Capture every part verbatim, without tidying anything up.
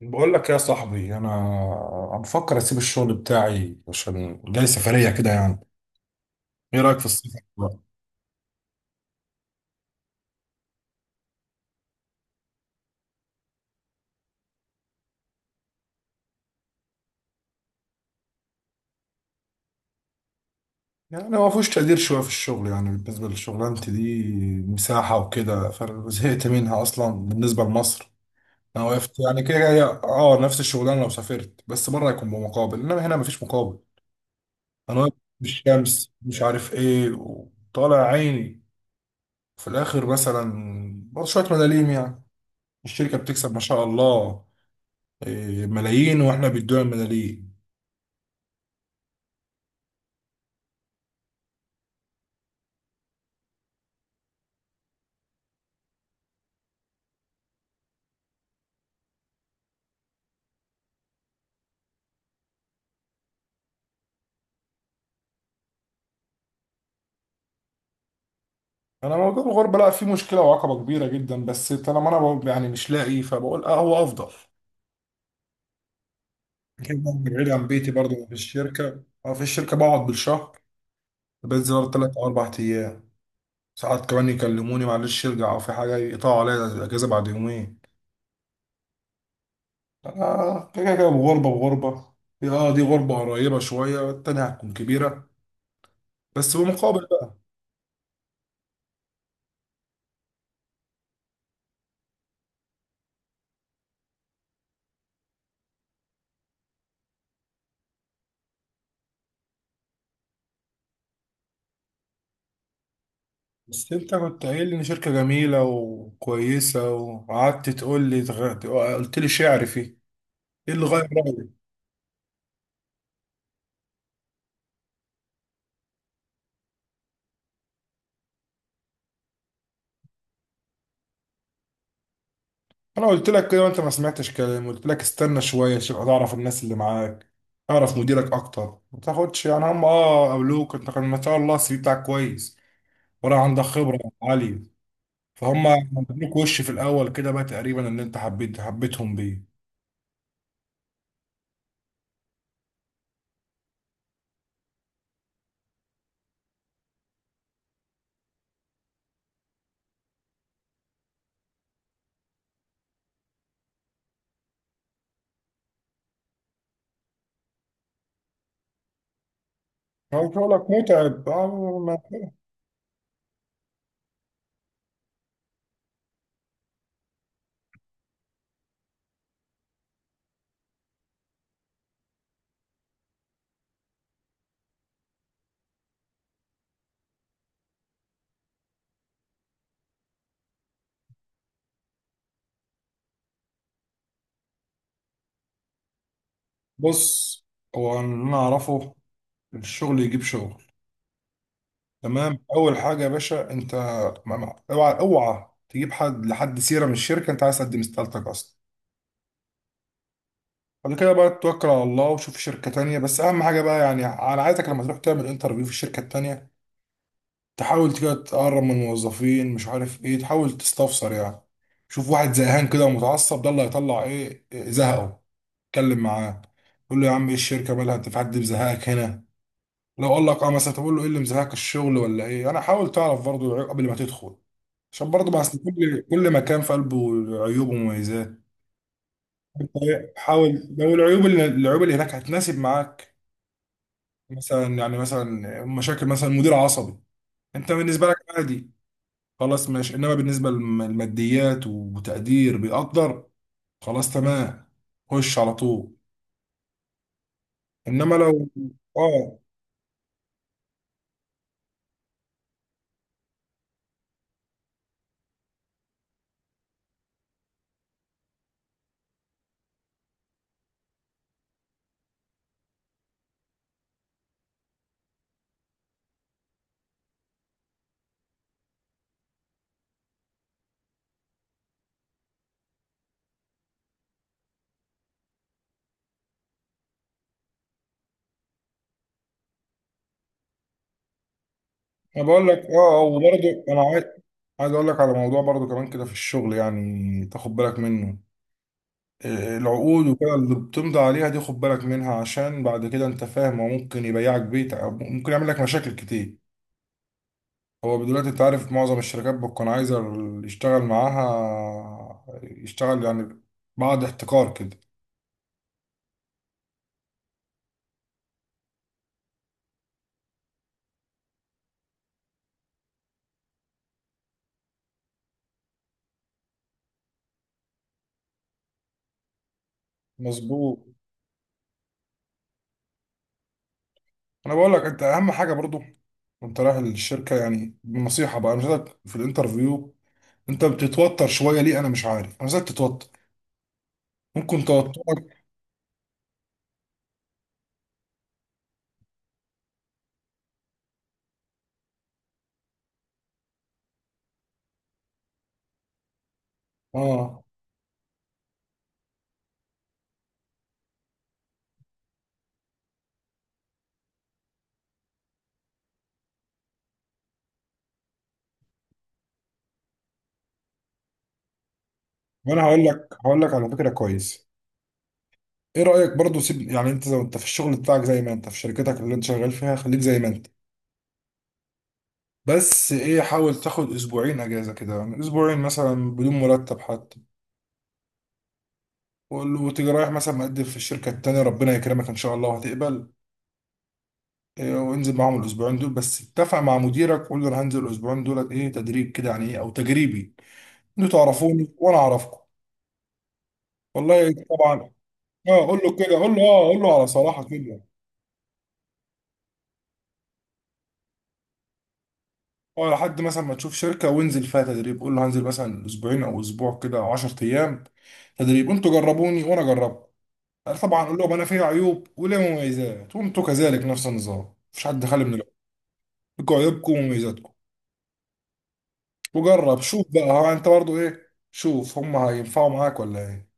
بقول لك يا صاحبي، انا انا بفكر اسيب الشغل بتاعي عشان جاي سفريه كده يعني. ايه رايك في السفر بقى؟ يعني ما فيهوش تقدير شويه في الشغل، يعني بالنسبه لشغلانتي دي مساحه وكده، فزهقت منها اصلا بالنسبه لمصر. انا وقفت يعني كده، هي اه نفس الشغلانه، لو سافرت بس بره يكون بمقابل، انما هنا مفيش مقابل. انا واقف في الشمس، مش عارف ايه، وطالع عيني في الاخر مثلا برضه شويه ملاليم، يعني الشركه بتكسب ما شاء الله. إيه، ملايين، واحنا بيدونا ملايين. انا موضوع الغربه لا فيه مشكله وعقبه كبيره جدا، بس طالما انا بقول- يعني مش لاقي، فبقول اه هو افضل كده بعيد عن بيتي. برضه في الشركه اه في الشركه بقعد بالشهر. بنزل ثلاث او اربع ايام. ساعات كمان يكلموني معلش ارجع، او في حاجه يقطعوا عليا الاجازه بعد يومين. انا كده كده بغربه بغربه. اه، دي غربه قريبه شويه، التانيه هتكون كبيره. بس مم. بمقابل. بس انت كنت قايل لي ان شركة جميلة وكويسة، وقعدت تقول لي تغ- قلت لي شعر فيه. ايه اللي غير رأيك؟ انا قلت لك كده وانت ما سمعتش كلام، قلت لك استنى شوية عشان اعرف الناس اللي معاك، اعرف مديرك اكتر. ما تاخدش يعني، هم اه قابلوك انت كان ما شاء الله السي في بتاعك كويس، ولا عندك خبرة عالية. فهم ادوك وش في الاول كده بقى، تقريبا ان انت حبيت حبيتهم بيه. هو شغلك متعب؟ آه، ما- بص، هو اللي انا اعرفه، الشغل يجيب شغل. تمام. اول حاجه يا باشا انت، ما- ما- اوعى اوعى تجيب حد لحد سيره من الشركه، انت عايز تقدم استقالتك اصلا. بعد كده بقى توكل على الله وشوف شركه تانية، بس اهم حاجه بقى، يعني انا عايزك لما تروح تعمل انترفيو في الشركه التانية تحاول كده تقرب من الموظفين، مش عارف ايه، تحاول تستفسر يعني. شوف واحد زهقان كده ومتعصب، ده اللي هيطلع ايه إيه زهقه. اتكلم معاه، قول له: يا عم، ايه الشركه مالها، انت في حد مزهقك هنا؟ لو قال لك اه مثلا، تقول له ايه اللي مزهقك الشغل ولا ايه. انا حاول تعرف برضه العيوب قبل ما تدخل، عشان برضه ما اصل كل كل مكان في قلبه عيوب ومميزات. انت إيه، حاول. لو العيوب اللي العيوب اللي هناك هتناسب معاك، مثلا يعني، مثلا مشاكل، مثلا مدير عصبي، انت بالنسبه لك عادي، خلاص ماشي. انما بالنسبه للماديات وتقدير بيقدر، خلاص تمام، خش على طول. انما لو اه انا بقول لك اه وبرضه انا عايز عايز اقول لك على موضوع برضه كمان كده في الشغل، يعني تاخد بالك منه. العقود وكده اللي بتمضي عليها دي خد بالك منها، عشان بعد كده انت فاهم، هو ممكن يبيعك بيت أو ممكن يعمل لك مشاكل كتير. هو دلوقتي انت عارف معظم الشركات بتكون عايزة اللي يشتغل معاها يشتغل، يعني بعد احتكار كده. مظبوط. انا بقول لك انت اهم حاجة برضو وانت رايح الشركة، يعني نصيحة بقى، انا شايفك في الانترفيو انت بتتوتر شوية. ليه انا مش عارف، انا زيك تتوتر، ممكن توترك. اه، وانا هقول لك هقول لك على فكرة كويس. ايه رأيك برضو، سيب يعني، انت لو انت في الشغل بتاعك زي ما انت في شركتك اللي انت شغال فيها خليك زي ما انت. بس ايه، حاول تاخد اسبوعين اجازة كده، يعني اسبوعين مثلا بدون مرتب حتى. وقول له، وتيجي رايح مثلا مقدم في الشركة التانية ربنا يكرمك ان شاء الله وهتقبل. إيه وانزل معاهم الاسبوعين دول، بس اتفق مع مديرك قول له: انا هنزل الاسبوعين دولت ايه تدريب كده، يعني ايه او تجريبي. انتوا تعرفوني وانا اعرفكم. والله طبعا. اه، قول له كده، قول له اه قول له على صراحة كده. اه، لحد مثلا ما تشوف شركة وانزل فيها تدريب، قول له هنزل مثلا اسبوعين او اسبوع كده او 10 ايام تدريب. انتوا جربوني وانا جربت. طبعا اقول لهم انا فيها عيوب وليا مميزات وانتوا كذلك، نفس النظام، مفيش حد خالي من العيوب. لكم عيوبكم ومميزاتكم. وجرب، شوف بقى، ها انت برضو ايه، شوف هم هينفعوا معاك ولا ايه.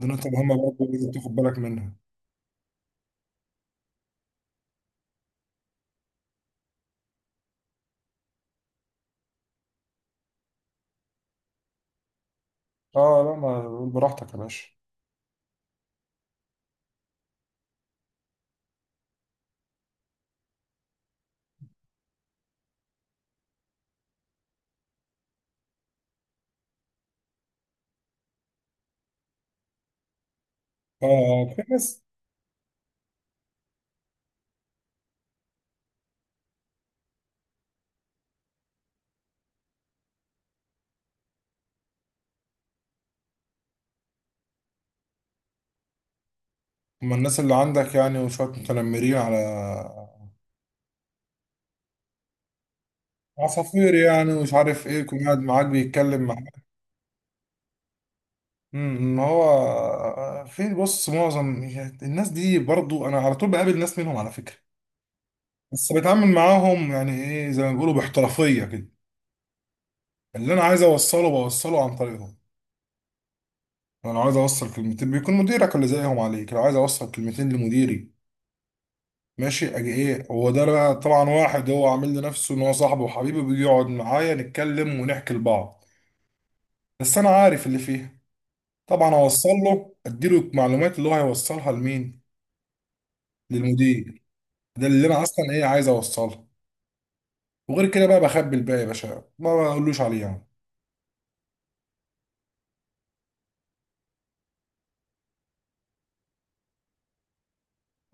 دي نقطة مهمة برضو لازم تاخد بالك منها. اه لا، ما قول براحتك يا باشا. اه، في ناس. هم الناس اللي عندك يعني، وشوية متنمرين على عصافير يعني، ومش عارف ايه، يكون قاعد معاك بيتكلم معاك. امم، ما هو في بص معظم الناس دي برضو، انا على طول بقابل ناس منهم على فكرة. بس بتعامل معاهم، يعني ايه، زي ما بيقولوا باحترافية كده. اللي انا عايز اوصله بوصله عن طريقهم. انا لو عايز اوصل كلمتين بيكون مديرك اللي زيهم عليك لو عايز اوصل كلمتين لمديري. ماشي، اجي ايه، هو ده بقى طبعا، واحد هو عامل لنفسه ان هو صاحبه وحبيبه، بيجي يقعد معايا نتكلم ونحكي لبعض. بس انا عارف اللي فيها. طبعا اوصل له، اديله المعلومات اللي هو هيوصلها لمين؟ للمدير. ده اللي انا اصلا ايه عايز اوصلها. وغير كده بقى بخبي الباقي يا باشا، ما بقولوش عليه يعني.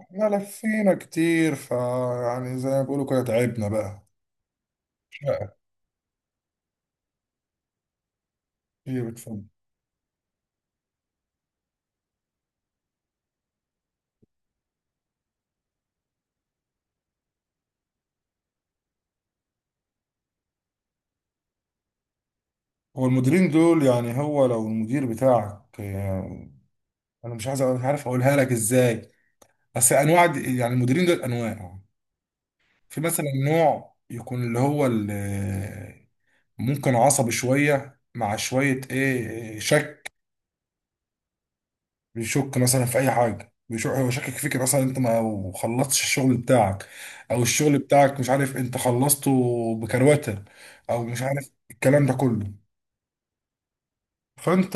احنا لفينا كتير، ف يعني زي ما بيقولوا كده تعبنا بقى. شقة كتير بتفهم. هو المديرين دول يعني، هو لو المدير بتاعك يعني، انا مش عايز أقول- مش عارف اقولها لك ازاي، بس انواع دي يعني المديرين دول انواع. في مثلا نوع يكون اللي هو اللي ممكن عصبي شوية، مع شوية ايه، شك. بيشك مثلا في اي حاجه، بيشك. هو شاكك فيك مثلا انت ما خلصتش الشغل بتاعك، او الشغل بتاعك مش عارف انت خلصته بكروته، او مش عارف الكلام ده كله. فانت،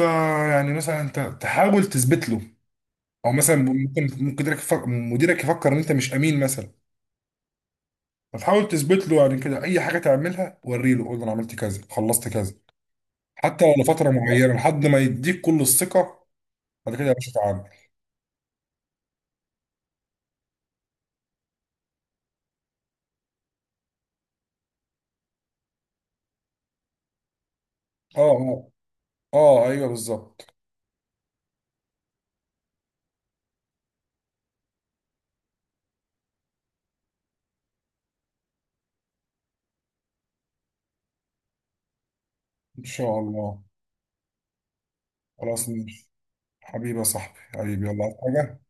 يعني مثلا انت تحاول تثبت له. او مثلا ممكن ممكن مديرك يفكر, مديرك يفكر ان انت مش امين مثلا. فتحاول تثبت له يعني كده، اي حاجه تعملها وري له، قول له انا عملت كذا خلصت كذا. حتى لو لفتره معينه لحد ما يديك كل الثقه. بعد كده يا باشا تعالى. اه، اه، اه، ايوه بالظبط. ان شاء الله. خلاص ماشي. حبيبي يا صاحبي، حبيبي، يلا عايز حاجة؟